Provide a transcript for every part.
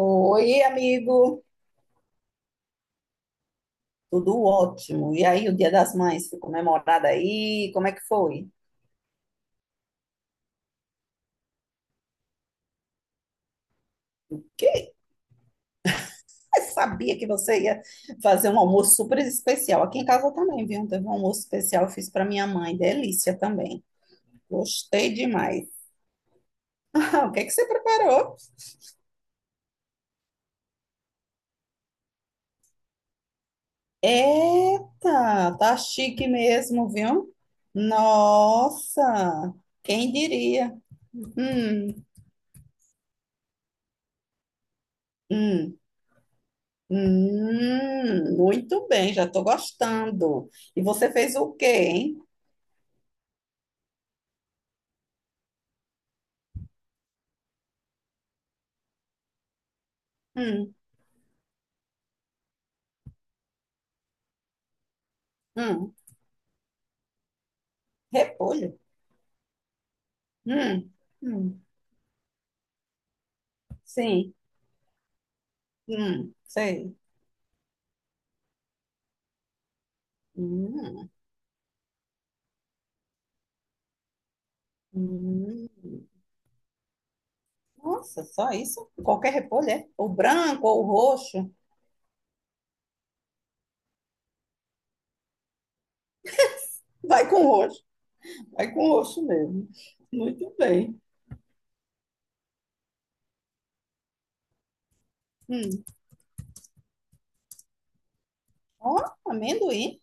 Oi, amigo. Tudo ótimo. E aí, o Dia das Mães foi comemorado aí? Como é que foi? Quem sabia que você ia fazer um almoço super especial? Aqui em casa também, viu? Teve um almoço especial, eu fiz para minha mãe. Delícia também. Gostei demais. Ah, o que é que você preparou? Eita, tá chique mesmo, viu? Nossa, quem diria? Hum, hum. Muito bem, já estou gostando. E você fez o quê, hein? Hum, hum, repolho. Hum, hum, sim, sei. Hum, hum. Nossa, só isso? Qualquer repolho, é? Ou branco, ou o roxo? Vai com roxo, vai com roxo mesmo. Muito bem. Hum. Ó, amendoim.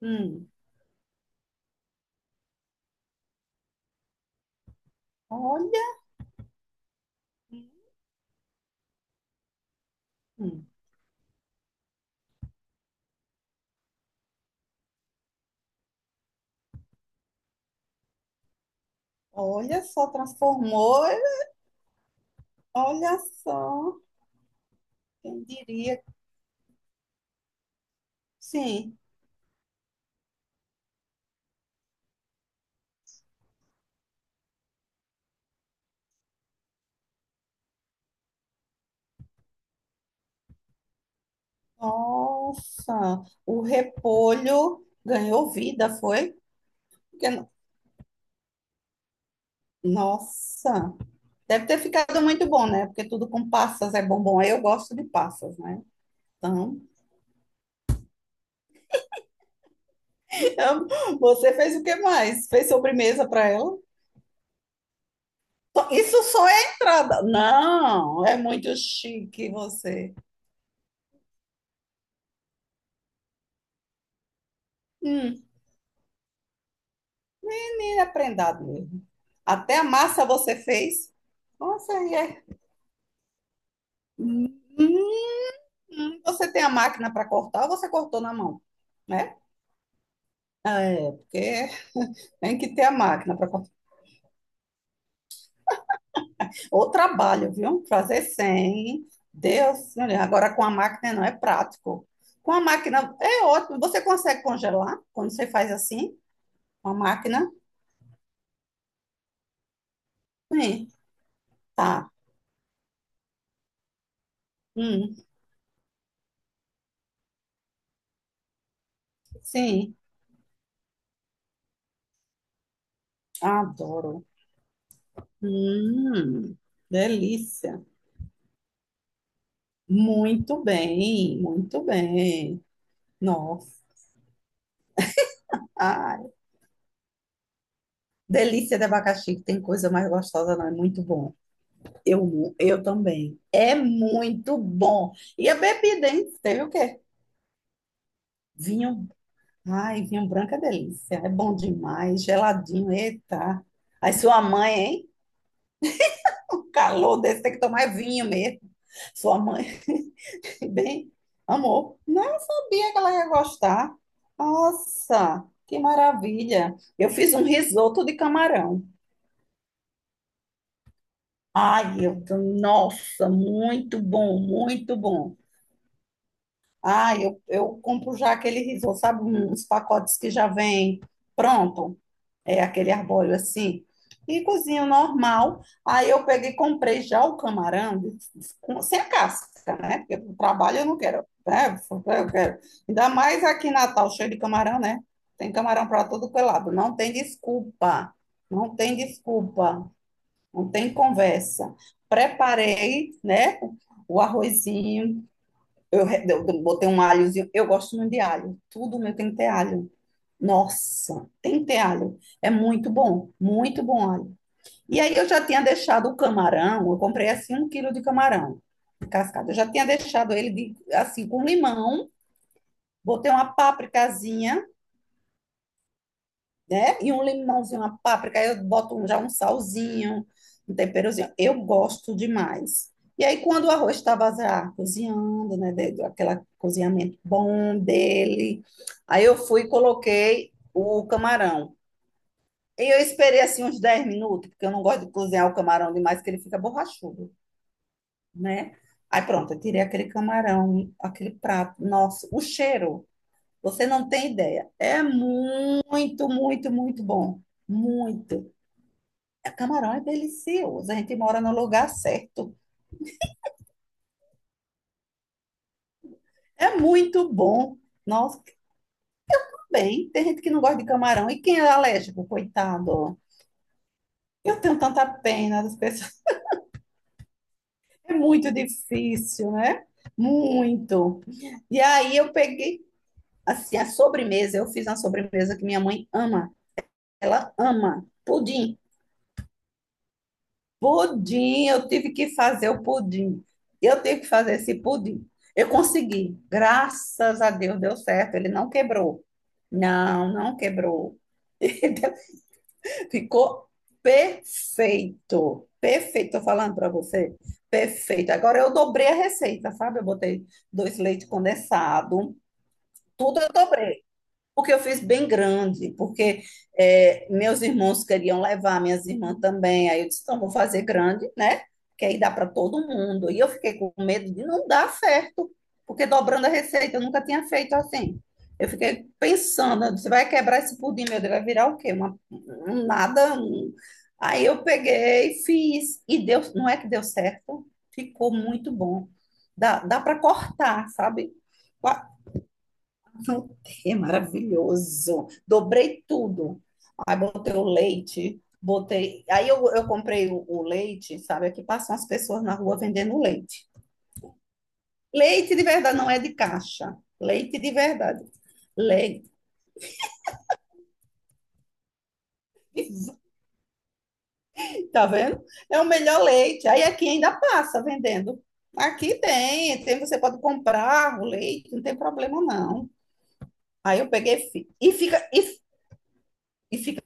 Hum, olha, hum, olha só, transformou. Olha só, quem diria. Sim. Nossa, o repolho ganhou vida, foi? Porque, nossa, deve ter ficado muito bom, né? Porque tudo com passas é bom. Bom, eu gosto de passas, né? Então, você fez o que mais? Fez sobremesa para ela? Isso só é entrada. Não, é muito chique você. Hum, e aprendado mesmo. Até a massa você fez. Nossa, e é. Hum. Você tem a máquina para cortar ou você cortou na mão? Né? É, porque tem que ter a máquina para cortar. Ou trabalho, viu? Fazer sem. Deus, meu Deus, agora com a máquina não é prático. Com a máquina é ótimo. Você consegue congelar quando você faz assim? Com a máquina? Sim, tá. Hum, sim, adoro. Hum, delícia. Muito bem, muito bem. Nossa. Ah, delícia de abacaxi, que tem coisa mais gostosa, não? É muito bom. Eu também. É muito bom. E a bebida, hein? Teve o quê? Vinho. Ai, vinho branco é delícia. É bom demais. Geladinho, eita. Aí sua mãe, hein? O calor desse tem que tomar vinho mesmo. Sua mãe, bem, amor. Não sabia que ela ia gostar. Nossa, que maravilha. Eu fiz um risoto de camarão. Ai, nossa, muito bom, muito bom. Ai, eu compro já aquele risoto, sabe, uns pacotes que já vem pronto, é aquele arbóreo assim, e cozinho normal. Aí eu peguei e comprei já o camarão sem a casca, né? Porque pro trabalho eu não quero, né? Eu quero. Ainda mais aqui em Natal, cheio de camarão, né? Tem camarão para todo que é lado, não tem desculpa, não tem desculpa, não tem conversa. Preparei, né, o arrozinho, eu botei um alhozinho, eu gosto muito de alho, tudo meu tem que ter alho. Nossa, tem que ter alho, é muito bom alho. E aí eu já tinha deixado o camarão, eu comprei assim um quilo de camarão cascado, eu já tinha deixado assim com limão, botei uma pápricazinha, né? E um limãozinho, uma páprica, aí eu boto já um salzinho, um temperozinho. Eu gosto demais. E aí, quando o arroz estava já cozinhando, né? Aquele cozinhamento bom dele, aí eu fui e coloquei o camarão. E eu esperei assim uns 10 minutos, porque eu não gosto de cozinhar o camarão demais, que ele fica borrachudo, né? Aí pronto, eu tirei aquele camarão, aquele prato. Nossa, o cheiro, você não tem ideia. É muito, muito, muito bom. Muito. É, camarão é delicioso, a gente mora no lugar certo. É muito bom. Nossa, que bem. Tem gente que não gosta de camarão. E quem é alérgico, coitado? Eu tenho tanta pena das pessoas. É muito difícil, né? Muito. E aí eu peguei, assim, a sobremesa. Eu fiz uma sobremesa que minha mãe ama. Ela ama pudim. Pudim, eu tive que fazer o pudim. Eu tive que fazer esse pudim. Eu consegui. Graças a Deus deu certo. Ele não quebrou. Não, não quebrou. Entendeu? Ficou perfeito. Perfeito, tô falando para você. Perfeito. Agora eu dobrei a receita, sabe? Eu botei dois leite condensado, tudo eu dobrei porque eu fiz bem grande, porque é, meus irmãos queriam levar, minhas irmãs também. Aí eu disse, então vou fazer grande, né? Que aí dá para todo mundo. E eu fiquei com medo de não dar certo, porque dobrando a receita eu nunca tinha feito assim. Eu fiquei pensando, você vai quebrar esse pudim, meu Deus, vai virar o quê? Um nada. Aí eu peguei, fiz, e deu, não é que deu certo, ficou muito bom. Dá para cortar, sabe? Voltei, maravilhoso. Dobrei tudo. Aí botei o leite, botei. Aí eu comprei o leite, sabe? Aqui passam as pessoas na rua vendendo leite. Leite de verdade não é de caixa. Leite de verdade. Leite. Tá vendo? É o melhor leite. Aí aqui ainda passa vendendo. Aqui tem, tem, você pode comprar o leite, não tem problema não. Aí eu peguei fi- e fica e fica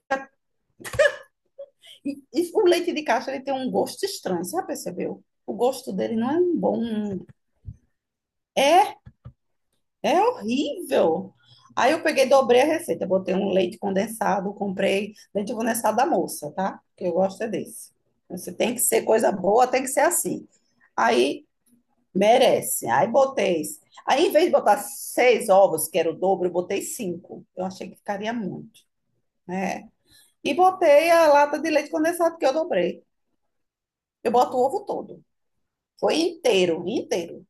E, e o leite de caixa ele tem um gosto estranho, você já percebeu? O gosto dele não é um bom. É, é horrível. Aí eu peguei, dobrei a receita, botei um leite condensado, comprei leite condensado da moça, tá? Que eu gosto é desse. Você tem que ser coisa boa, tem que ser assim. Aí merece. Aí botei. Aí em vez de botar seis ovos, que era o dobro, eu botei cinco. Eu achei que ficaria muito, né? E botei a lata de leite condensado que eu dobrei. Eu boto o ovo todo. Foi inteiro, inteiro.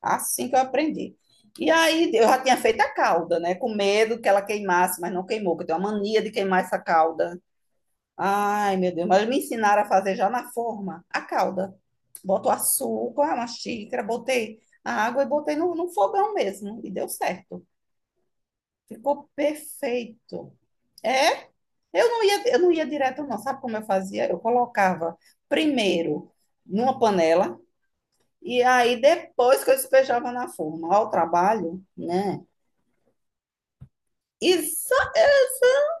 Assim que eu aprendi. E aí eu já tinha feito a calda, né? Com medo que ela queimasse, mas não queimou, porque eu tenho uma mania de queimar essa calda. Ai, meu Deus, mas me ensinaram a fazer já na forma a calda. Boto açúcar, uma xícara, botei a água e botei no fogão mesmo. E deu certo. Ficou perfeito. É, eu não ia direto, não. Sabe como eu fazia? Eu colocava primeiro numa panela. E aí, depois que eu despejava na forma, ó, o trabalho, né? E só, só-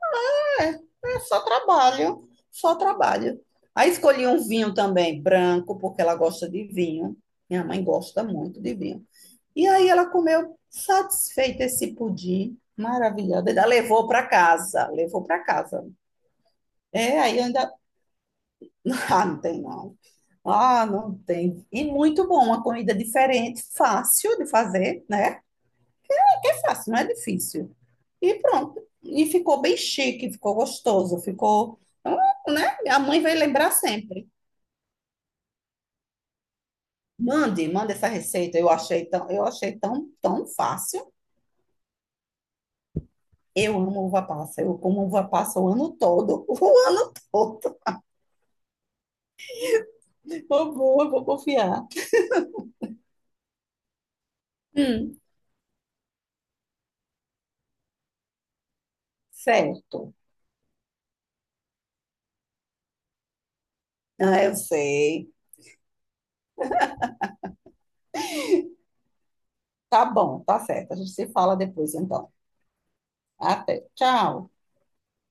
é é só trabalho, só trabalho. Aí escolhi um vinho também, branco, porque ela gosta de vinho. Minha mãe gosta muito de vinho. E aí ela comeu satisfeita esse pudim, maravilhosa. Ainda levou para casa, levou para casa. É, aí ainda. Ah, não tem não. Ah, não tem. E muito bom, uma comida diferente, fácil de fazer, né? É fácil, não é difícil. E pronto. E ficou bem chique, ficou gostoso, ficou. Então, né? A mãe vai lembrar sempre. Mande, manda essa receita. Eu achei tão, tão fácil. Eu amo uva passa. Eu como uva passa o ano todo. O ano todo. Eu vou confiar. Hum, certo. Ah, eu sei. Tá bom, tá certo. A gente se fala depois, então. Até. Tchau.